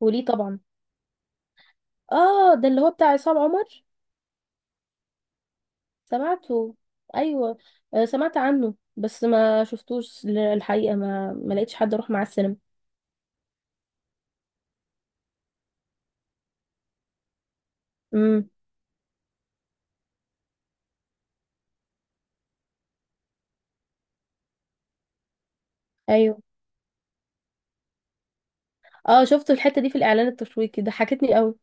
وليه طبعا. اه، ده اللي هو بتاع عصام عمر. سمعته. ايوه. آه، سمعت عنه بس ما شفتوش. الحقيقه ما لقيتش حد اروح معاه السينما. امم. ايوه. اه شفت الحته دي في الاعلان التشويقي ضحكتني قوي.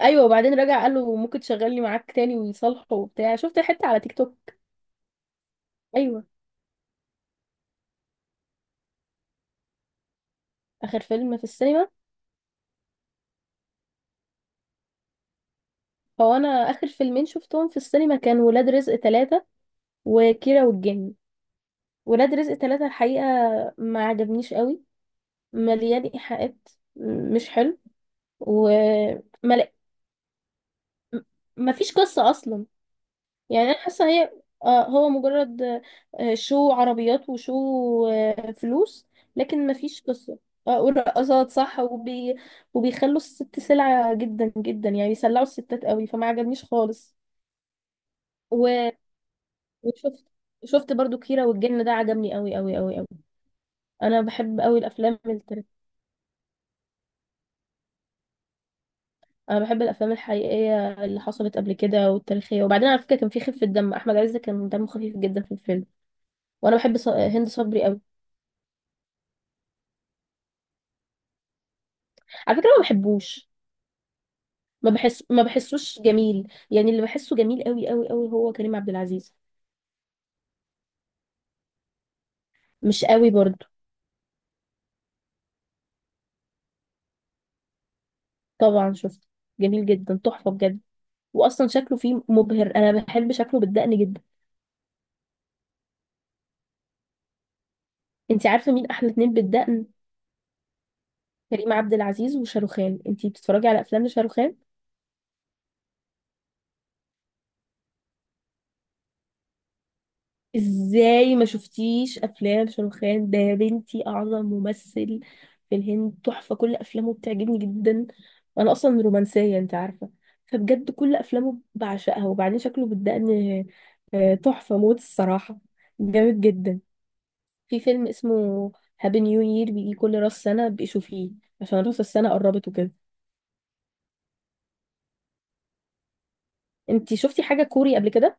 ايوه، وبعدين رجع قال له ممكن تشغلني معاك تاني ويصالحه وبتاع، شفت الحته على تيك توك. ايوه. اخر فيلم في السينما، هو انا اخر فيلمين شفتهم في السينما كان ولاد رزق ثلاثة وكيرة والجن. ولاد رزق ثلاثة الحقيقه ما عجبنيش قوي، مليان ايحاءات. مش حلو. وما مفيش قصة اصلا. يعني انا حاسة هي، آه، هو مجرد، آه، شو عربيات وشو، آه، فلوس، لكن مفيش قصة. آه، ورقصات صح وبي... وبيخلوا الست سلعة جدا جدا، يعني بيسلعوا الستات قوي فما عجبنيش خالص. و- وشفت، شفت برضو كيرة والجن ده عجبني قوي قوي قوي قوي. انا بحب قوي الافلام، انا بحب الافلام الحقيقيه اللي حصلت قبل كده والتاريخيه. وبعدين على فكره كان في خفه دم، احمد عز كان دمه خفيف جدا في الفيلم. وانا بحب هند صبري قوي. على فكره ما بحبوش، ما بحس، ما بحسوش جميل يعني. اللي بحسه جميل قوي قوي قوي هو كريم عبد العزيز، مش قوي برضه. طبعا شفت، جميل جدا تحفه بجد. واصلا شكله فيه مبهر، انا بحب شكله بالدقن جدا. انت عارفه مين احلى اتنين بالدقن؟ كريم عبد العزيز وشاروخان. انت بتتفرجي على افلام لشاروخان؟ ازاي ما شفتيش افلام شاروخان ده يا بنتي؟ اعظم ممثل في الهند، تحفه، كل افلامه بتعجبني جدا. وانا اصلا رومانسيه انت عارفه، فبجد كل افلامه بعشقها. وبعدين شكله بالدقن، آه، تحفه موت الصراحه، جامد جدا. في فيلم اسمه هابي نيو يير بيجي كل راس سنه بيشوفيه، عشان راس السنه قربت وكده. انت شفتي حاجه كوري قبل كده؟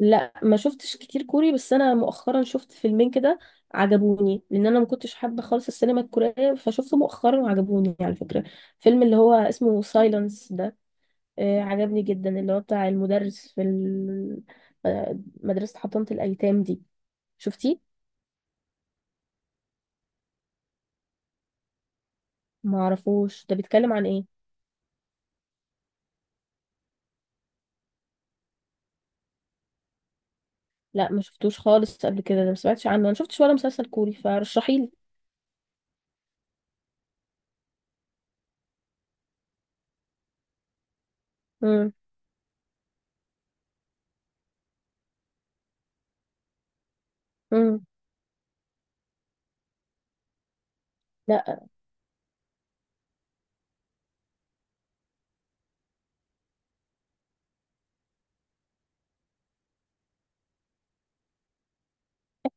لا ما شفتش كتير كوري، بس انا مؤخرا شفت فيلمين كده عجبوني، لان انا ما كنتش حابه خالص السينما الكوريه، فشفته مؤخرا وعجبوني على فكره. فيلم اللي هو اسمه سايلنس ده، آه عجبني جدا، اللي هو بتاع المدرس في آه، مدرسه حضانه الايتام دي. شفتيه؟ ما اعرفوش، ده بيتكلم عن ايه؟ لا ما شفتوش خالص قبل كده، ده ما سمعتش عنه. انا شفتش ولا مسلسل كوري، فرشحيلي. امم. امم.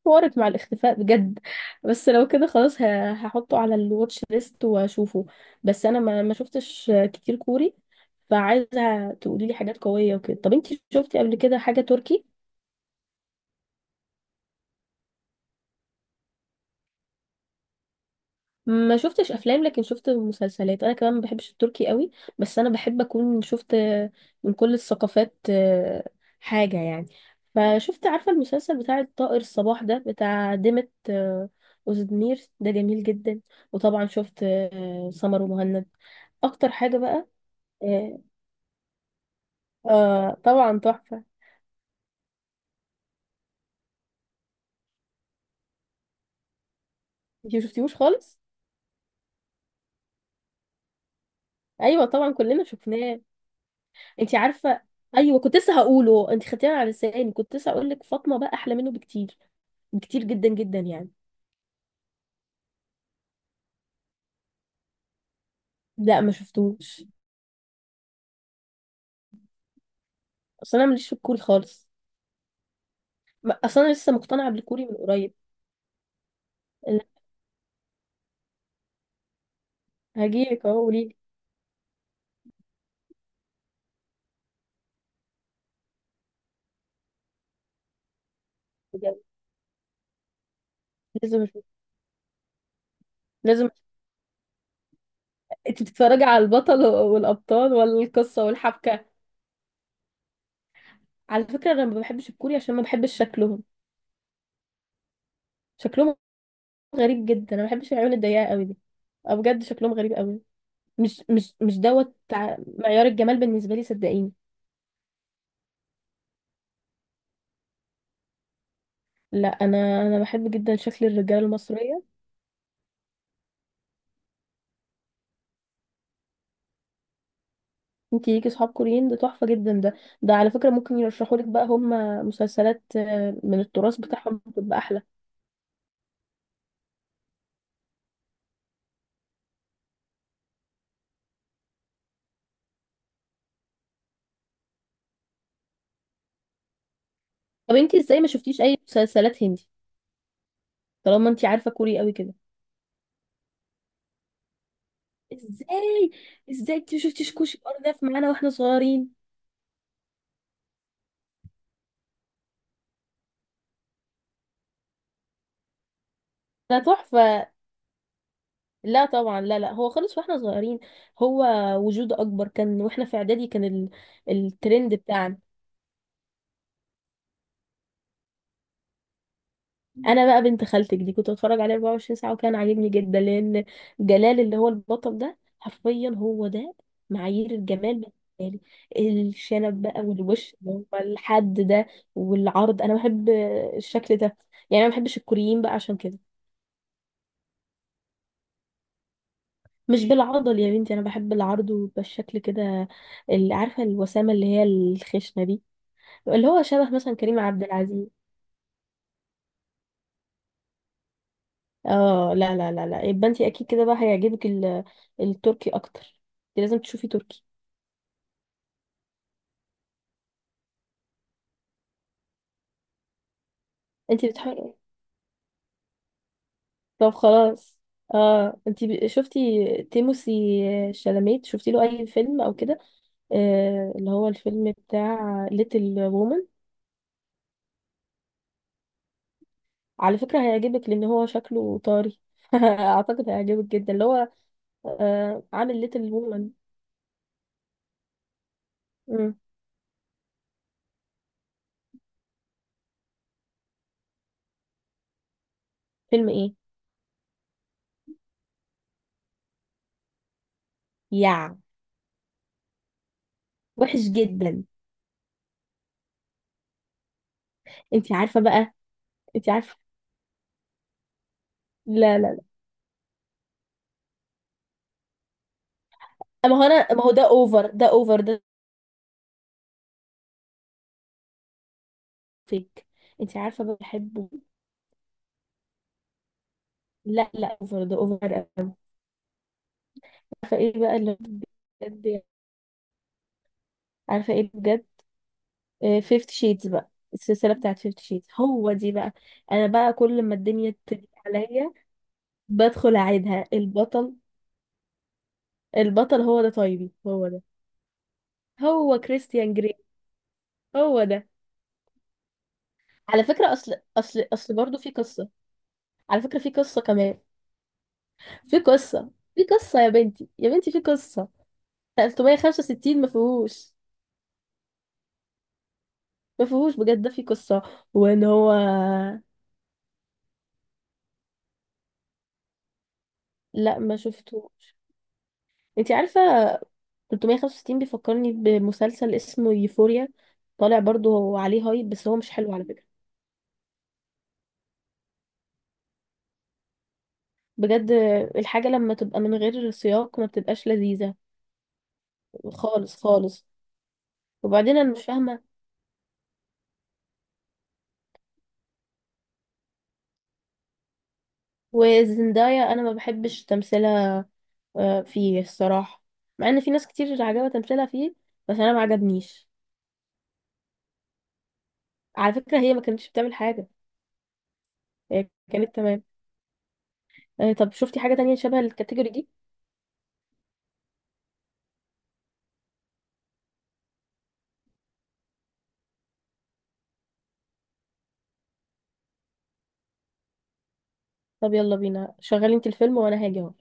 حوارك مع الاختفاء بجد. بس لو كده خلاص هحطه على الواتش ليست واشوفه. بس انا ما شفتش كتير كوري، فعايزه تقولي لي حاجات قويه وكده. طب انتي شفتي قبل كده حاجه تركي؟ ما شفتش افلام لكن شفت مسلسلات. انا كمان ما بحبش التركي قوي، بس انا بحب اكون شفت من كل الثقافات آه، حاجه يعني. فشفت عارفه المسلسل بتاع الطائر الصباح ده بتاع ديمت آه، أوزدمير، ده جميل جدا. وطبعا شفت آه، سمر ومهند اكتر حاجه بقى. آه، آه، طبعا تحفه. انتي مشفتيهوش خالص؟ ايوه طبعا كلنا شفناه. انتي عارفه، ايوه كنت لسه هقوله، انتي خدتيها على لساني، كنت لسه هقول لك فاطمه بقى احلى منه بكتير، كتير جدا جدا يعني. لا ما شفتوش، اصل انا ماليش في الكوري خالص. اصل انا لسه مقتنعه بالكوري من قريب. لا، هجيلك اهو، قولي لي. لازم اشوف، لازم. انت بتتفرجي على البطل والابطال ولا القصه والحبكه؟ على فكره انا ما بحبش الكوري عشان ما بحبش شكلهم. شكلهم غريب جدا، انا ما بحبش العيون الضيقه قوي دي. أه بجد شكلهم غريب قوي. مش دوت معيار الجمال بالنسبه لي صدقيني. لا انا، انا بحب جدا شكل الرجاله المصريه. انتي ليكي صحاب كوريين، ده تحفة جدا ده. ده على فكرة ممكن يرشحوا لك بقى هم مسلسلات آه، من التراث بتاعهم بتبقى احلى. طب انتي ازاي ما شفتيش اي مسلسلات هندي طالما انتي عارفة كوري قوي كده؟ ازاي؟ ازاي انتي ما شفتيش كوشي ارداف معانا واحنا صغيرين؟ ده تحفة. لا طبعا، لا لا، هو خالص واحنا صغيرين. هو وجود اكبر كان واحنا في اعدادي، كان ال... الترند بتاعنا. انا بقى بنت خالتك دي كنت بتفرج عليه 24 ساعه وكان عاجبني جدا لان جلال اللي هو البطل ده حرفيا هو ده معايير الجمال بالنسبه لي. الشنب بقى والوش اللي هو الحد ده والعرض، انا بحب الشكل ده. يعني انا ما بحبش الكوريين بقى عشان كده. مش بالعضل يا بنتي، انا بحب العرض وبالشكل كده، اللي عارفه الوسامه اللي هي الخشنه دي، اللي هو شبه مثلا كريم عبد العزيز. اه لا لا لا لا، يبقى انت اكيد كده بقى هيعجبك التركي اكتر. انت لازم تشوفي تركي. انت بتحبي؟ طب خلاص. اه، انت شفتي تيموسي شالاميت؟ شفتي له اي فيلم او كده؟ آه اللي هو الفيلم بتاع ليتل وومن. على فكرة هيعجبك، لان هو شكله طاري. اعتقد هيعجبك جدا، اللي هو آه عامل ليتل وومن. فيلم ايه؟ يا وحش جدا. انت عارفة بقى، انت عارفة. لا لا، ما هو انا، ما هو ده اوفر، ده اوفر ده فيك. انت عارفه بقى بحبه. لا لا، اوفر ده، اوفر قوي. عارفه ايه بقى اللي بجد يعني؟ عارفه ايه بجد؟ فيفت شيدز، بقى السلسله بتاعت فيفت شيدز هو دي بقى. انا بقى كل ما الدنيا تضيق عليا بدخل اعيدها. البطل، البطل هو ده، طيبي هو ده. هو كريستيان جري، هو ده. على فكره اصل برضه في قصه. على فكره في قصه كمان. في قصه، في قصه يا بنتي، يا بنتي في قصه. 365 ما فيهوش، ما فيهوش بجد، ده في قصة. وان هو، لا ما شفتوش. انتي عارفة، 365 بيفكرني بمسلسل اسمه يوفوريا، طالع برضو عليه هايب بس هو مش حلو على فكرة. بجد، الحاجة لما تبقى من غير سياق ما بتبقاش لذيذة خالص خالص. وبعدين انا مش فاهمة. وزندايا انا ما بحبش تمثيلها آه، فيه الصراحة، مع ان في ناس كتير عجبها تمثيلها فيه بس انا ما عجبنيش. على فكرة هي ما كانتش بتعمل حاجة، هي كانت تمام. آه، طب شفتي حاجة تانية شبه الكاتيجوري دي؟ طب يلا بينا، شغلي انت الفيلم وانا هاجي اهو.